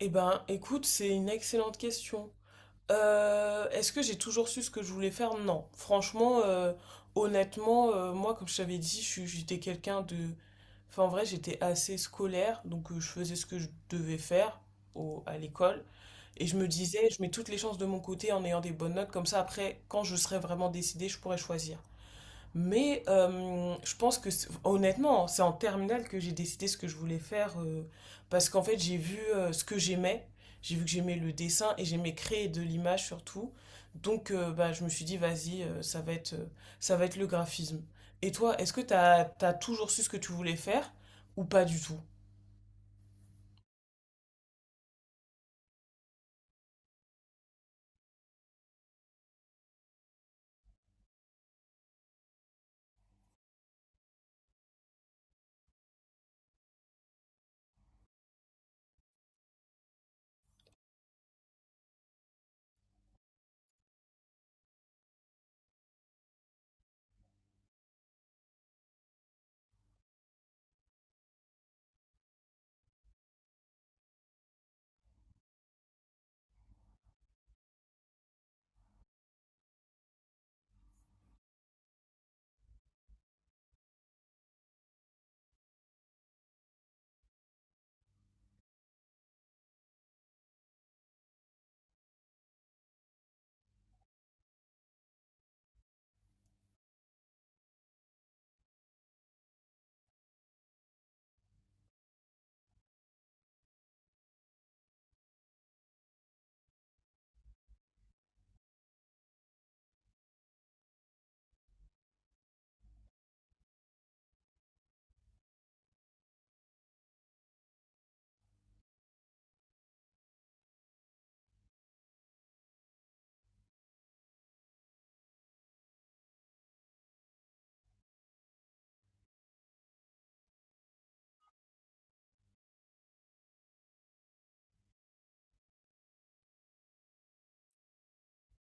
Eh ben, écoute, c'est une excellente question. Est-ce que j'ai toujours su ce que je voulais faire? Non. Franchement, honnêtement, moi, comme je t'avais dit, j'étais quelqu'un de... Enfin, en vrai, j'étais assez scolaire, donc je faisais ce que je devais faire à l'école. Et je me disais, je mets toutes les chances de mon côté en ayant des bonnes notes, comme ça, après, quand je serai vraiment décidée, je pourrai choisir. Mais je pense que honnêtement, c'est en terminale que j'ai décidé ce que je voulais faire parce qu'en fait, j'ai vu ce que j'aimais. J'ai vu que j'aimais le dessin et j'aimais créer de l'image surtout. Donc bah, je me suis dit, vas-y, ça va être le graphisme. Et toi, est-ce que t'as toujours su ce que tu voulais faire ou pas du tout?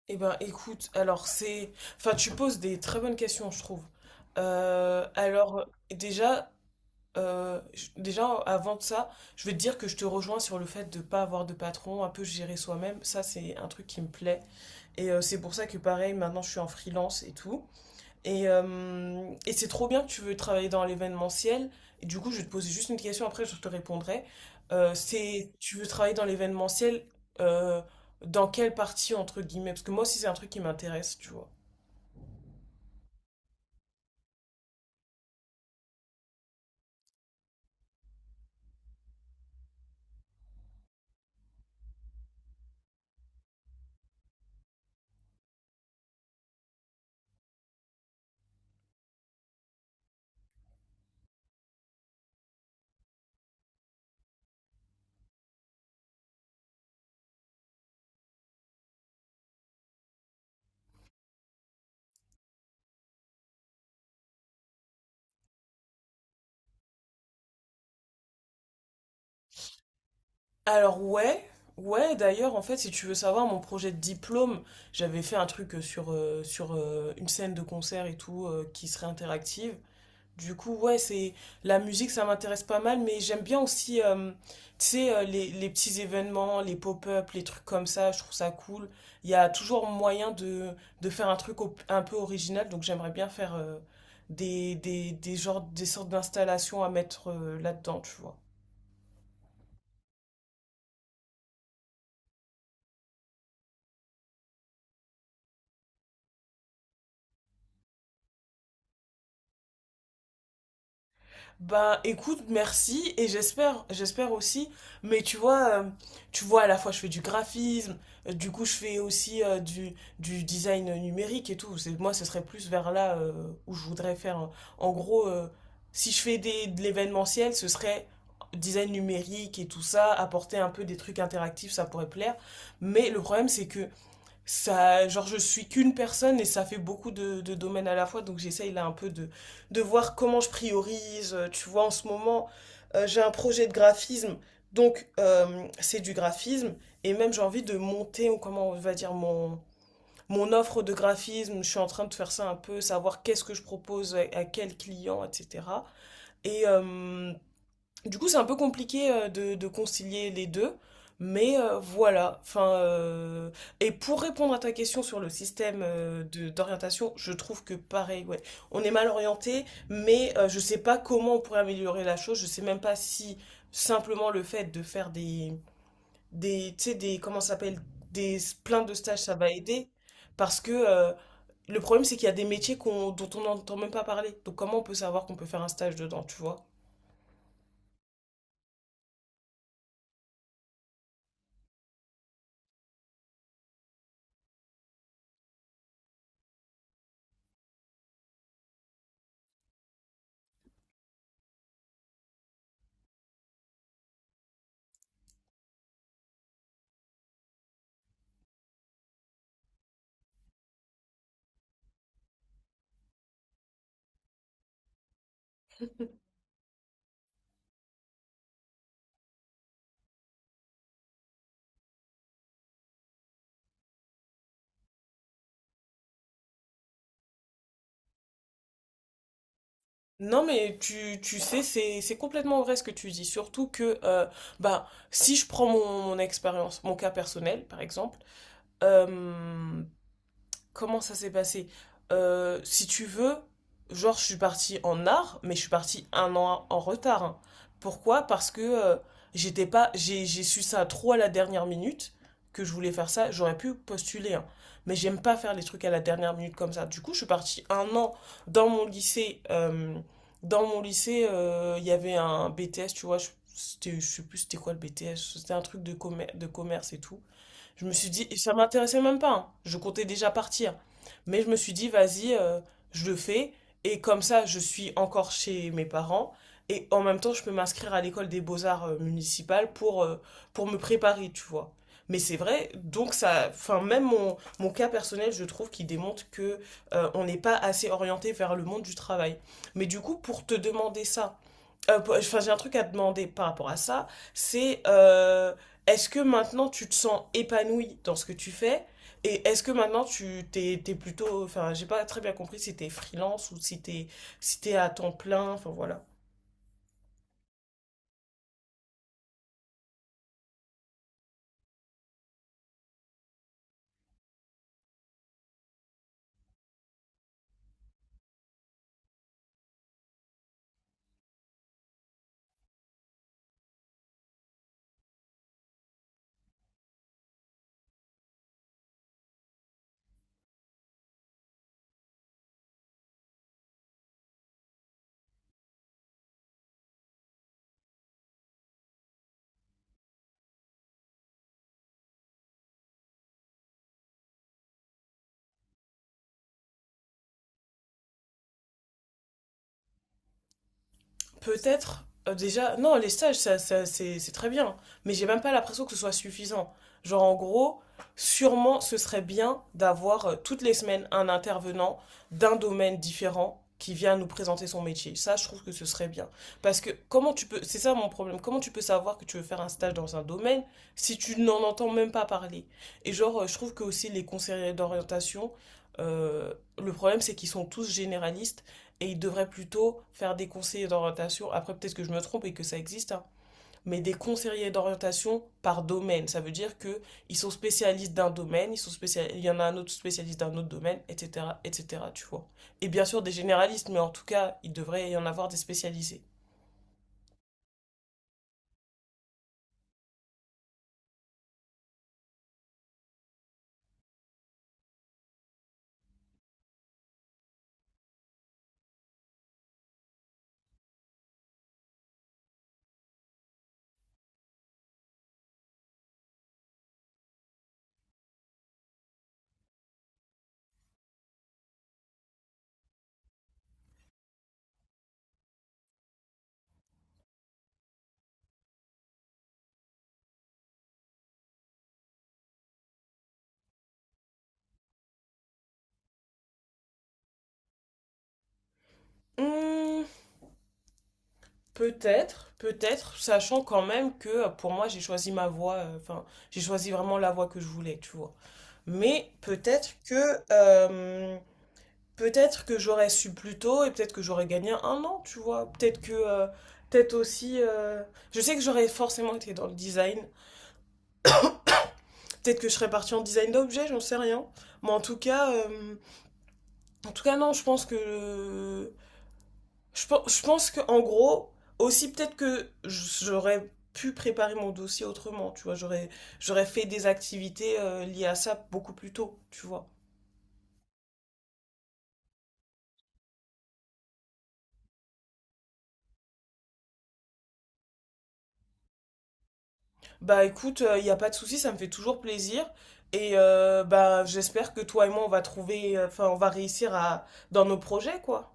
Eh ben écoute, alors Enfin, tu poses des très bonnes questions, je trouve. Alors déjà, déjà, avant de ça, je vais te dire que je te rejoins sur le fait de ne pas avoir de patron, un peu gérer soi-même. Ça, c'est un truc qui me plaît. Et c'est pour ça que, pareil, maintenant, je suis en freelance et tout. Et c'est trop bien que tu veux travailler dans l'événementiel. Et du coup, je vais te poser juste une question, après, je te répondrai. Tu veux travailler dans l'événementiel, euh, dans quelle partie, entre guillemets? Parce que moi aussi, c'est un truc qui m'intéresse, tu vois. Alors ouais, ouais d'ailleurs en fait si tu veux savoir mon projet de diplôme, j'avais fait un truc sur une scène de concert et tout qui serait interactive. Du coup, ouais, c'est la musique, ça m'intéresse pas mal, mais j'aime bien aussi tu sais les petits événements, les pop-up, les trucs comme ça, je trouve ça cool. Il y a toujours moyen de, de faire un truc un peu original, donc j'aimerais bien faire des genres, des sortes d'installations à mettre là-dedans, tu vois. Ben écoute, merci et j'espère aussi. Mais tu vois, à la fois je fais du graphisme, du coup je fais aussi du design numérique et tout. Moi, ce serait plus vers là où je voudrais faire. En gros, si je fais de l'événementiel, ce serait design numérique et tout ça, apporter un peu des trucs interactifs, ça pourrait plaire. Mais le problème, c'est que ça, genre, je suis qu'une personne et ça fait beaucoup de domaines à la fois, donc j'essaye là un peu de voir comment je priorise. Tu vois, en ce moment, j'ai un projet de graphisme, donc c'est du graphisme, et même j'ai envie de monter, ou comment on va dire, mon offre de graphisme. Je suis en train de faire ça un peu, savoir qu'est-ce que je propose à quel client, etc. Et du coup, c'est un peu compliqué de concilier les deux, mais voilà. Enfin, et pour répondre à ta question sur le système d'orientation, je trouve que pareil, ouais, on est mal orienté, mais je sais pas comment on pourrait améliorer la chose. Je sais même pas si simplement le fait de faire des, tu sais, des, comment ça s'appelle, des plein de stages, ça va aider, parce que le problème, c'est qu'il y a des métiers dont on n'entend même pas parler. Donc comment on peut savoir qu'on peut faire un stage dedans, tu vois? Non mais tu sais, c'est complètement vrai ce que tu dis. Surtout que bah, si je prends mon expérience, mon cas personnel par exemple, euh, comment ça s'est passé? Si tu veux, genre, je suis partie en art, mais je suis partie un an en retard, hein. Pourquoi? Parce que j'étais pas, j'ai su ça trop à la dernière minute que je voulais faire ça. J'aurais pu postuler, hein. Mais j'aime pas faire les trucs à la dernière minute comme ça. Du coup, je suis partie un an dans mon lycée. Dans mon lycée, il y avait un BTS, tu vois. C'était, je sais plus c'était quoi le BTS. C'était un truc de commerce et tout. Je me suis dit, et ça m'intéressait même pas, hein. Je comptais déjà partir. Mais je me suis dit, vas-y, je le fais. Et comme ça, je suis encore chez mes parents. Et en même temps, je peux m'inscrire à l'école des beaux-arts municipales pour me préparer, tu vois. Mais c'est vrai, donc ça, enfin, même mon cas personnel, je trouve qu'il démontre que on n'est pas assez orienté vers le monde du travail. Mais du coup, pour te demander ça, enfin, j'ai un truc à te demander par rapport à ça. C'est Est-ce que maintenant tu te sens épanoui dans ce que tu fais? Et est-ce que maintenant tu t'es plutôt. Enfin, j'ai pas très bien compris si t'es freelance ou si t'es à temps plein. Enfin, voilà. Peut-être, déjà, non, les stages, ça, c'est très bien, mais j'ai même pas l'impression que ce soit suffisant. Genre, en gros, sûrement, ce serait bien d'avoir toutes les semaines un intervenant d'un domaine différent qui vient nous présenter son métier. Ça, je trouve que ce serait bien. Parce que comment tu peux, c'est ça mon problème, comment tu peux savoir que tu veux faire un stage dans un domaine si tu n'en entends même pas parler? Et genre, je trouve que aussi les conseillers d'orientation, euh, le problème, c'est qu'ils sont tous généralistes et ils devraient plutôt faire des conseillers d'orientation. Après, peut-être que je me trompe et que ça existe, hein, mais des conseillers d'orientation par domaine. Ça veut dire que ils sont spécialistes d'un domaine, il y en a un autre spécialiste d'un autre domaine, etc., etc. Tu vois. Et bien sûr des généralistes, mais en tout cas, il devrait y en avoir des spécialisés. Hmm, peut-être, sachant quand même que pour moi, j'ai choisi ma voie. Enfin, j'ai choisi vraiment la voie que je voulais, tu vois. Mais peut-être que euh, peut-être que j'aurais su plus tôt et peut-être que j'aurais gagné un an, tu vois. Peut-être aussi, je sais que j'aurais forcément été dans le design. Peut-être que je serais partie en design d'objets, j'en sais rien. Mais en tout cas, non, je pense que, en gros, aussi peut-être que j'aurais pu préparer mon dossier autrement, tu vois. J'aurais fait des activités liées à ça beaucoup plus tôt, tu vois. Bah écoute, il n'y a pas de souci, ça me fait toujours plaisir. Et bah j'espère que toi et moi, on va trouver, enfin, on va réussir à, dans nos projets, quoi.